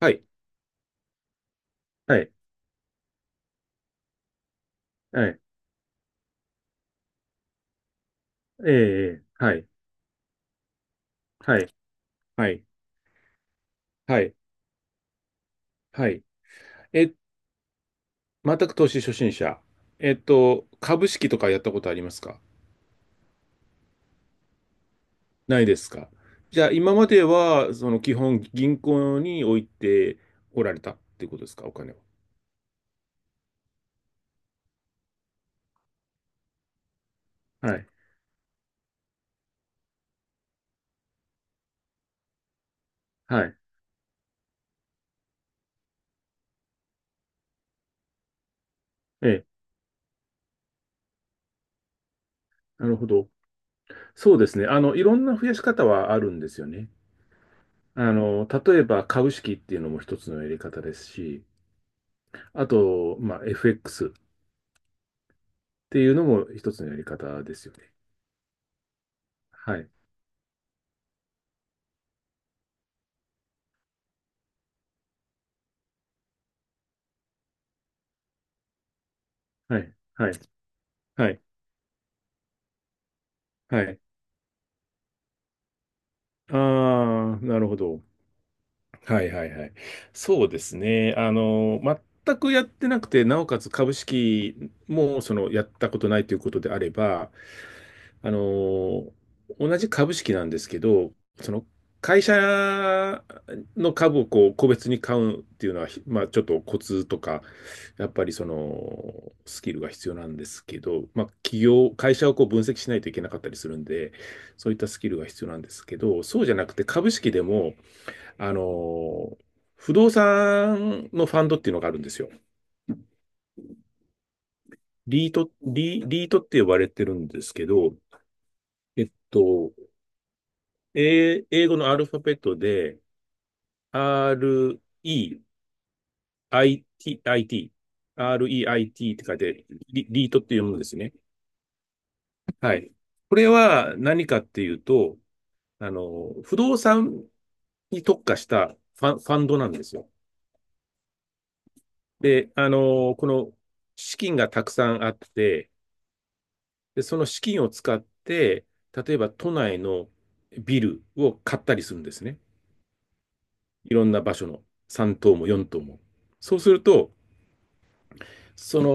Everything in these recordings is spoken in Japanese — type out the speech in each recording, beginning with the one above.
はい、はい、はい、ええ、はい、はい、はい、はい、はい。え、全く投資初心者。株式とかやったことありますか？ないですか？じゃあ、今までは、その基本銀行に置いておられたっていうことですか、お金を？はい、はい、ええ、なるほど。そうですね。あの、いろんな増やし方はあるんですよね。あの、例えば株式っていうのも一つのやり方ですし、あと、まあ、FX っていうのも一つのやり方ですよね。はい。はい。はい。はい。はい。ああ、なるほど。はいはいはい。そうですね。あの、全くやってなくて、なおかつ株式もそのやったことないということであれば、あの、同じ株式なんですけど、その会社の株をこう個別に買うっていうのは、まあちょっとコツとか、やっぱりそのスキルが必要なんですけど、まあ企業、会社をこう分析しないといけなかったりするんで、そういったスキルが必要なんですけど、そうじゃなくて株式でも、あの、不動産のファンドっていうのがあるんですよ。リートって呼ばれてるんですけど、えっと、英語のアルファベットで、REITIT、REIT って書いて、リートって読むんですね。はい。これは何かっていうと、あの、不動産に特化したファンドなんですよ。で、あの、この資金がたくさんあって、で、その資金を使って、例えば都内のビルを買ったりするんですね。いろんな場所の3棟も4棟も。そうすると、その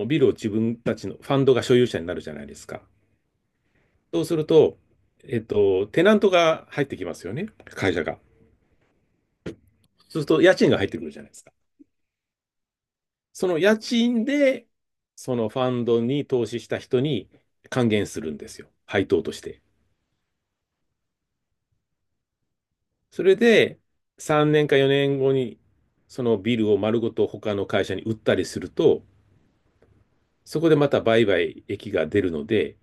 おビルを自分たちのファンドが所有者になるじゃないですか。そうすると、テナントが入ってきますよね、会社が。そうすると、家賃が入ってくるじゃないですか。その家賃で、そのファンドに投資した人に還元するんですよ、配当として。それで、3年か4年後に、そのビルを丸ごと他の会社に売ったりすると、そこでまた売買益が出るので、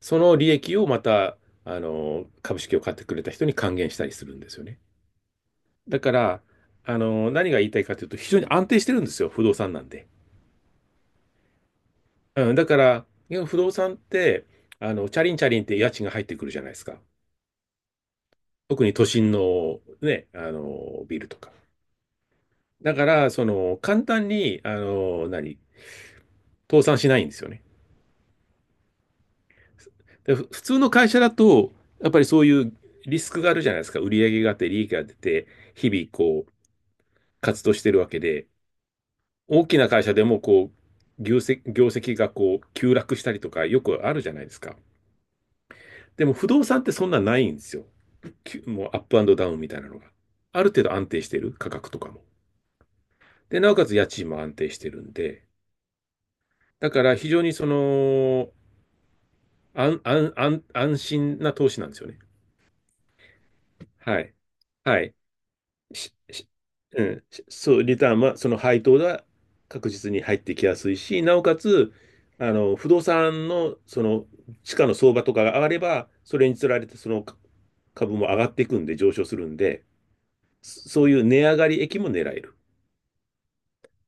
その利益をまた、あの、株式を買ってくれた人に還元したりするんですよね。だから、あの、何が言いたいかというと、非常に安定してるんですよ、不動産なんで。うん、だから、いや不動産って、あの、チャリンチャリンって家賃が入ってくるじゃないですか。特に都心のね、あの、ビルとか。だから、その、簡単に、あの、倒産しないんですよね。で普通の会社だと、やっぱりそういうリスクがあるじゃないですか。売上があって、利益が出て、日々こう、活動してるわけで、大きな会社でもこう、業績がこう、急落したりとかよくあるじゃないですか。でも不動産ってそんなないんですよ。もうアップアンドダウンみたいなのが。ある程度安定してる、価格とかも。で、なおかつ家賃も安定してるんで、だから非常にその、安心な投資なんですよね。はい。はい。ししうん、そう、リターンは、その配当が確実に入ってきやすいし、なおかつ、あの、不動産の、その、地価の相場とかが上がれば、それにつられて、その株も上がっていくんで、上昇するんで、そういう値上がり益も狙える。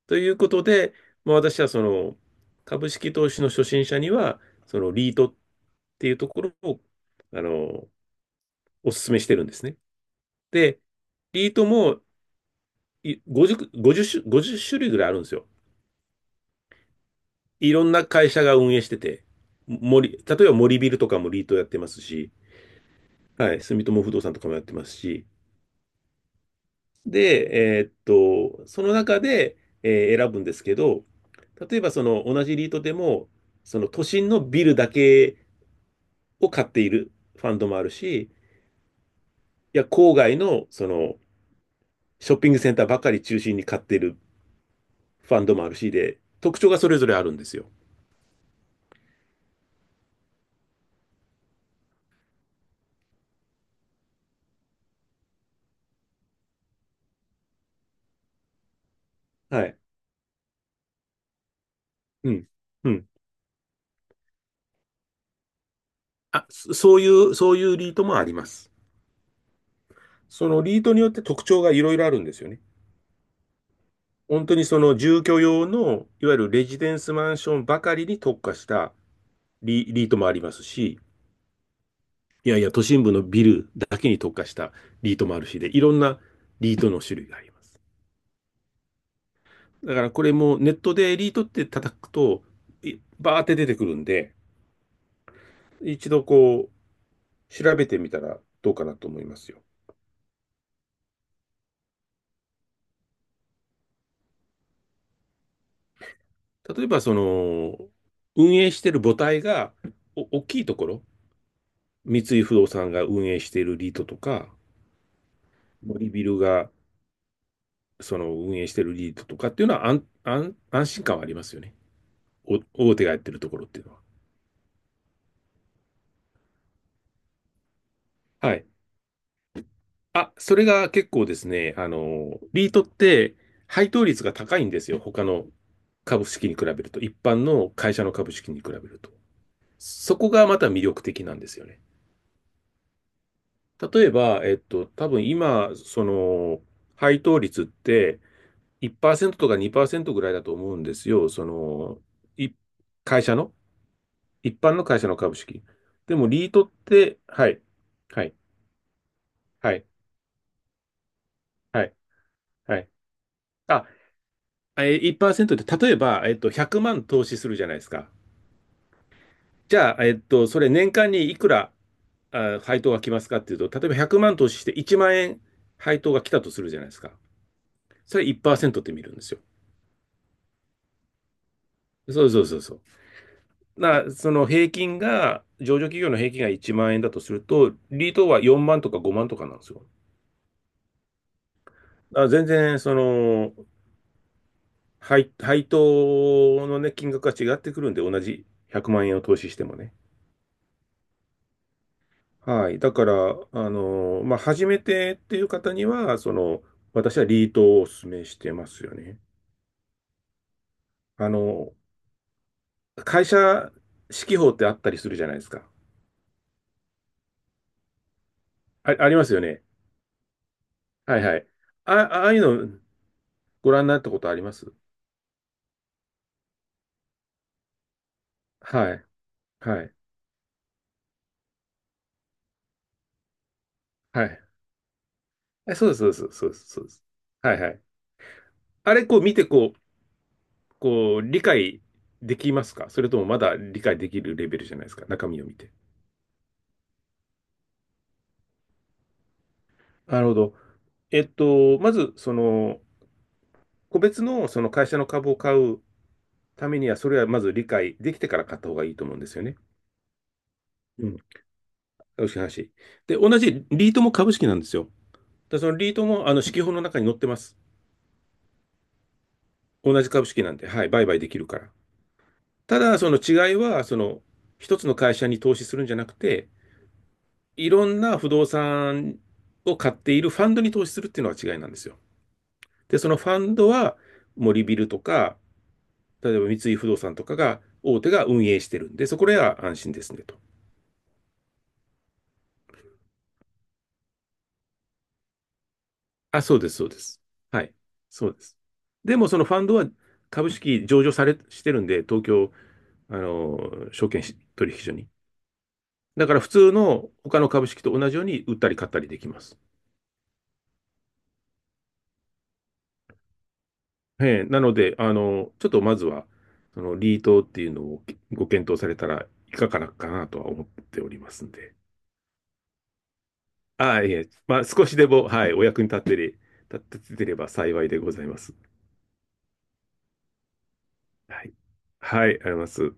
ということで、まあ、私はその、株式投資の初心者には、その、リートっていうところを、あの、お勧めしてるんですね。で、リートも50、50種、50種類ぐらいあるんですよ。いろんな会社が運営してて、例えば森ビルとかもリートやってますし、はい、住友不動産とかもやってますし、で、その中で、選ぶんですけど、例えばその同じリートでも、その都心のビルだけを買っているファンドもあるし、いや、郊外のそのショッピングセンターばかり中心に買っているファンドもあるしで、特徴がそれぞれあるんですよ。はい。うん。うん。あ、そういう、そういうリートもあります。そのリートによって特徴がいろいろあるんですよね。本当にその住居用の、いわゆるレジデンスマンションばかりに特化したリートもありますし、いやいや、都心部のビルだけに特化したリートもあるしで、いろんなリートの種類があります。だからこれもネットでリートって叩くと、バーって出てくるんで、一度こう、調べてみたらどうかなと思いますよ。例えば、その、運営してる母体がお大きいところ、三井不動産が運営しているリートとか、森ビルがその運営しているリートとかっていうのは安心感はありますよね。お大手がやってるところっていうのは。はい。あ、それが結構ですね、あの、リートって配当率が高いんですよ。他の株式に比べると、一般の会社の株式に比べると。そこがまた魅力的なんですよね。例えば、多分今、その、配当率って、1%とか2%ぐらいだと思うんですよ。その、い、会社の、一般の会社の株式。でも、リートって、はい、はい、はい、はい、はい。あ、1%って、例えば、100万投資するじゃないですか。じゃあ、それ年間にいくら、あ、配当が来ますかっていうと、例えば100万投資して1万円配当が来たとするじゃないですか。それ1%って見るんですよ。そうそうそうそう。その平均が、上場企業の平均が1万円だとすると、リートは4万とか5万とかなんですよ。あ、全然、その、配当のね、金額が違ってくるんで、同じ100万円を投資してもね。はい。だから、あの、まあ、初めてっていう方には、その、私はリートをお勧めしてますよね。あの、会社指揮法ってあったりするじゃないですか。あ、ありますよね。はいはい。あ、ああいうのご覧になったことあります？はい。はい。はい。え、そうです、そうです、そうです、そうです。はいはい。あれ、こう見て、こう、理解できますか？それともまだ理解できるレベルじゃないですか、中身を見て。なるほど。まず、その、個別のその会社の株を買うためには、それはまず理解できてから買った方がいいと思うんですよね。うん。投資話。で、同じリートも株式なんですよ。で、そのリートも、あの、四季報の中に載ってます。同じ株式なんで、はい、売買できるから。ただ、その違いは、その、一つの会社に投資するんじゃなくて、いろんな不動産を買っているファンドに投資するっていうのは違いなんですよ。で、そのファンドは、森ビルとか、例えば三井不動産とかが、大手が運営してるんで、そこらは安心ですねと。あ、そうです、そうです。はい、そうです。でも、そのファンドは株式上場してるんで、東京、あの、証券取引所に。だから普通の他の株式と同じように売ったり買ったりできます。ええ、なので、あの、ちょっとまずは、その、リートっていうのをご検討されたらいかがかなとは思っておりますんで。ああ、いえ、まあ、少しでも、はい、お役に立ててれば幸いでございます。はい。はい、あります。